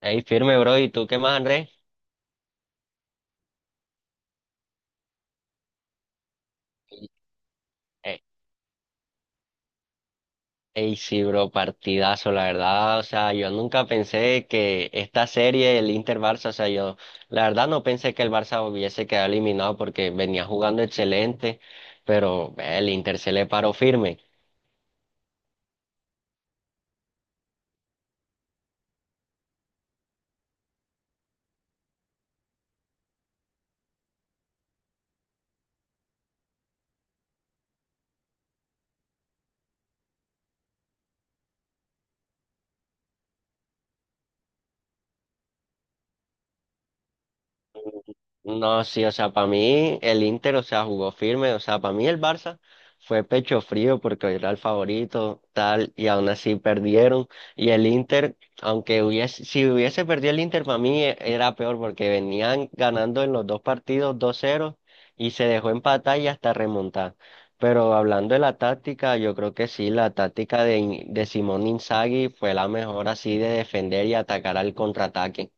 Ey, firme, bro. ¿Y tú qué más, Andrés? Ey, ey, sí, bro, partidazo, la verdad. O sea, yo nunca pensé que esta serie, el Inter-Barça, o sea, yo la verdad no pensé que el Barça hubiese quedado eliminado porque venía jugando excelente, pero el Inter se le paró firme. No, sí, o sea, para mí el Inter, o sea, jugó firme, o sea, para mí el Barça fue pecho frío porque era el favorito, tal, y aún así perdieron. Y el Inter, aunque si hubiese perdido el Inter, para mí era peor porque venían ganando en los dos partidos dos 0 y se dejó empatar y hasta remontar. Pero hablando de la táctica, yo creo que sí, la táctica de Simón Inzaghi fue la mejor así de defender y atacar al contraataque.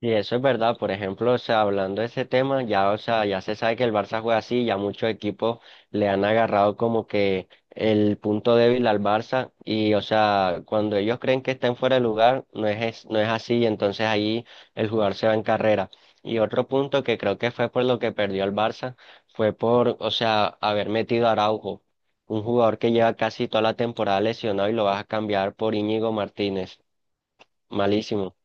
Y eso es verdad, por ejemplo, o sea, hablando de ese tema, ya, o sea, ya se sabe que el Barça juega así, ya muchos equipos le han agarrado como que el punto débil al Barça y, o sea, cuando ellos creen que están fuera de lugar, no es así y entonces ahí el jugador se va en carrera. Y otro punto que creo que fue por lo que perdió el Barça fue por, o sea, haber metido a Araujo, un jugador que lleva casi toda la temporada lesionado y lo vas a cambiar por Íñigo Martínez. Malísimo.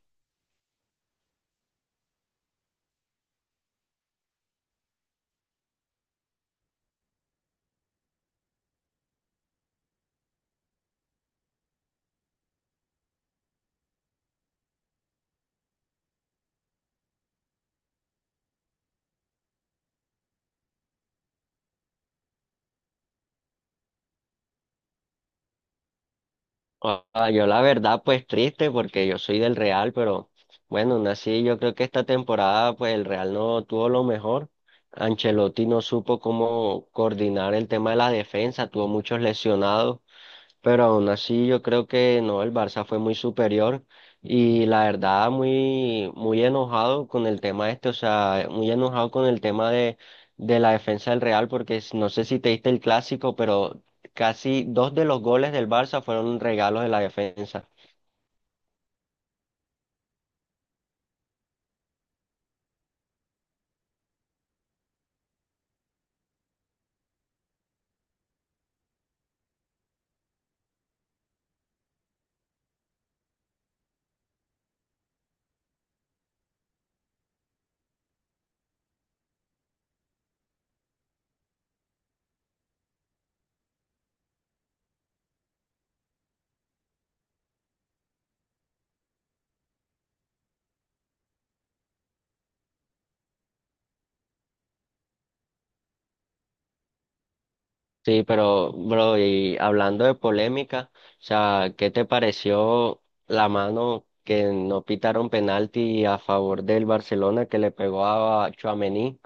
Ah, yo la verdad, pues triste porque yo soy del Real, pero bueno, yo creo que esta temporada pues el Real no tuvo lo mejor. Ancelotti no supo cómo coordinar el tema de la defensa, tuvo muchos lesionados. Pero aún así yo creo que no, el Barça fue muy superior y la verdad muy, muy enojado con el tema este, o sea, muy enojado con el tema de la defensa del Real porque no sé si te diste el clásico, pero casi dos de los goles del Barça fueron regalos de la defensa. Sí, pero bro, y hablando de polémica, o sea, ¿qué te pareció la mano que no pitaron penalti a favor del Barcelona que le pegó a Tchouaméni?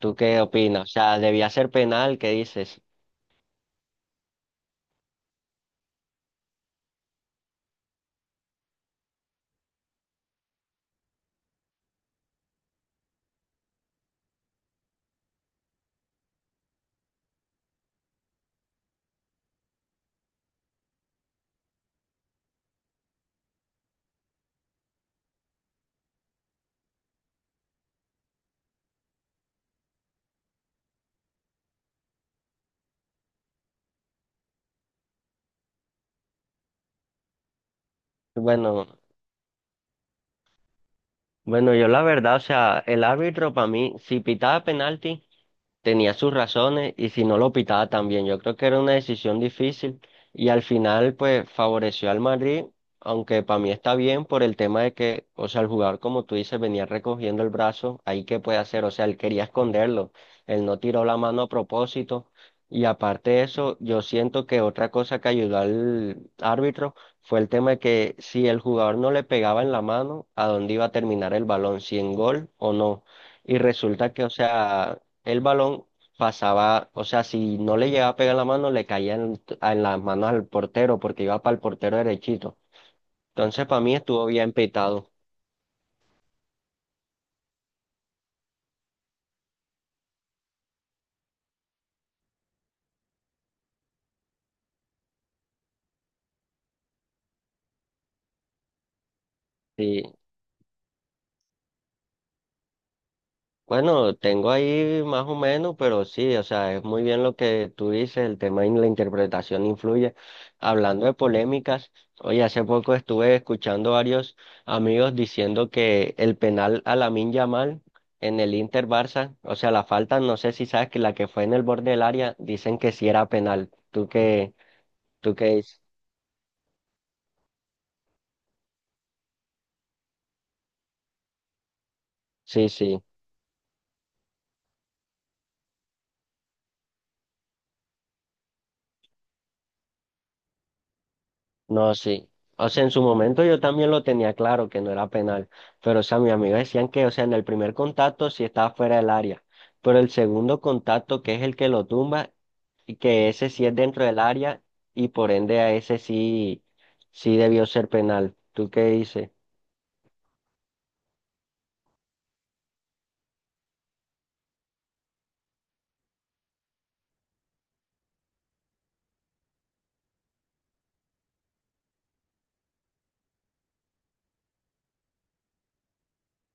¿Tú qué opinas? O sea, ¿debía ser penal? ¿Qué dices? Bueno, bueno, yo la verdad, o sea, el árbitro para mí, si pitaba penalti, tenía sus razones y si no lo pitaba también. Yo creo que era una decisión difícil y al final pues favoreció al Madrid, aunque para mí está bien por el tema de que, o sea, el jugador como tú dices venía recogiendo el brazo, ahí qué puede hacer, o sea, él quería esconderlo, él no tiró la mano a propósito y aparte de eso, yo siento que otra cosa que ayudó al árbitro fue el tema de que si el jugador no le pegaba en la mano, ¿a dónde iba a terminar el balón? ¿Si en gol o no? Y resulta que, o sea, el balón pasaba, o sea, si no le llegaba a pegar la mano, le caía en las manos al portero porque iba para el portero derechito. Entonces, para mí estuvo bien pitado. Sí, bueno, tengo ahí más o menos, pero sí, o sea, es muy bien lo que tú dices, el tema y la interpretación influye. Hablando de polémicas, hoy hace poco estuve escuchando varios amigos diciendo que el penal a Lamine Yamal en el Inter Barça, o sea, la falta, no sé si sabes que la que fue en el borde del área, dicen que sí era penal. ¿Tú qué dices? Sí, sí. No, sí. O sea, en su momento yo también lo tenía claro que no era penal, pero o sea, mis amigos decían que, o sea, en el primer contacto sí estaba fuera del área, pero el segundo contacto, que es el que lo tumba, y que ese sí es dentro del área y por ende a ese sí, sí debió ser penal. ¿Tú qué dices?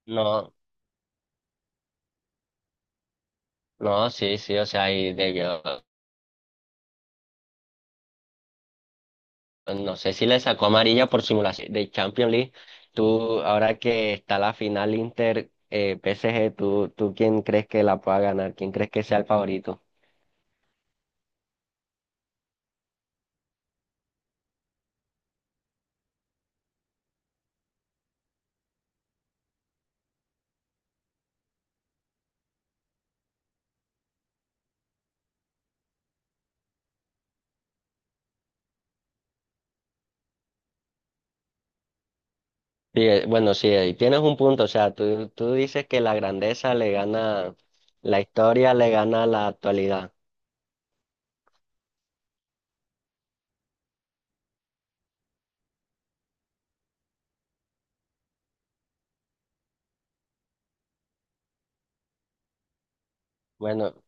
No, no, sí, sí, o sea, ahí debió. No sé si le sacó amarilla por simulación de Champions League. Tú, ahora que está la final Inter PSG, ¿tú quién crees que la pueda ganar? ¿Quién crees que sea el favorito? Sí, bueno, sí, ahí tienes un punto. O sea, tú dices que la grandeza le gana, la historia le gana la actualidad. Bueno,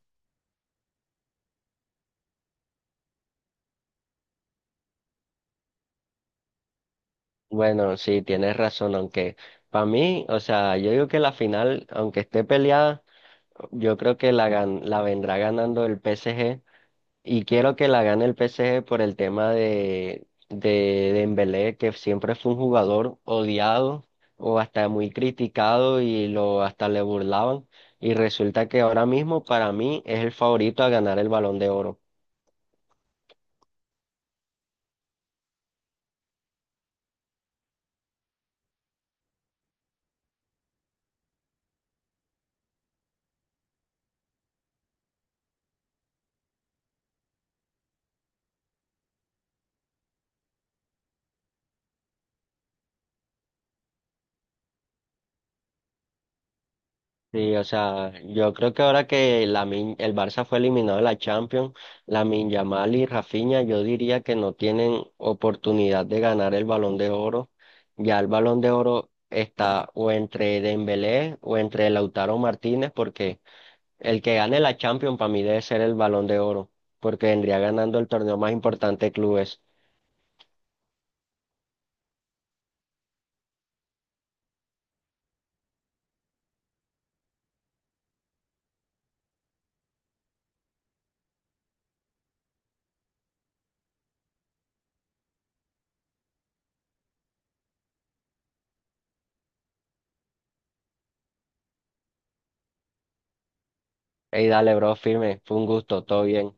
bueno, sí, tienes razón, aunque para mí, o sea, yo digo que la final, aunque esté peleada, yo creo que la vendrá ganando el PSG. Y quiero que la gane el PSG por el tema de Dembélé, que siempre fue un jugador odiado o hasta muy criticado y lo hasta le burlaban. Y resulta que ahora mismo para mí es el favorito a ganar el Balón de Oro. Sí, o sea, yo creo que ahora que el Barça fue eliminado de la Champions, Lamine Yamal y Rafinha, yo diría que no tienen oportunidad de ganar el Balón de Oro. Ya el Balón de Oro está o entre Dembélé o entre Lautaro Martínez, porque el que gane la Champions para mí debe ser el Balón de Oro, porque vendría ganando el torneo más importante de clubes. Ey, dale, bro, firme, fue un gusto, todo bien.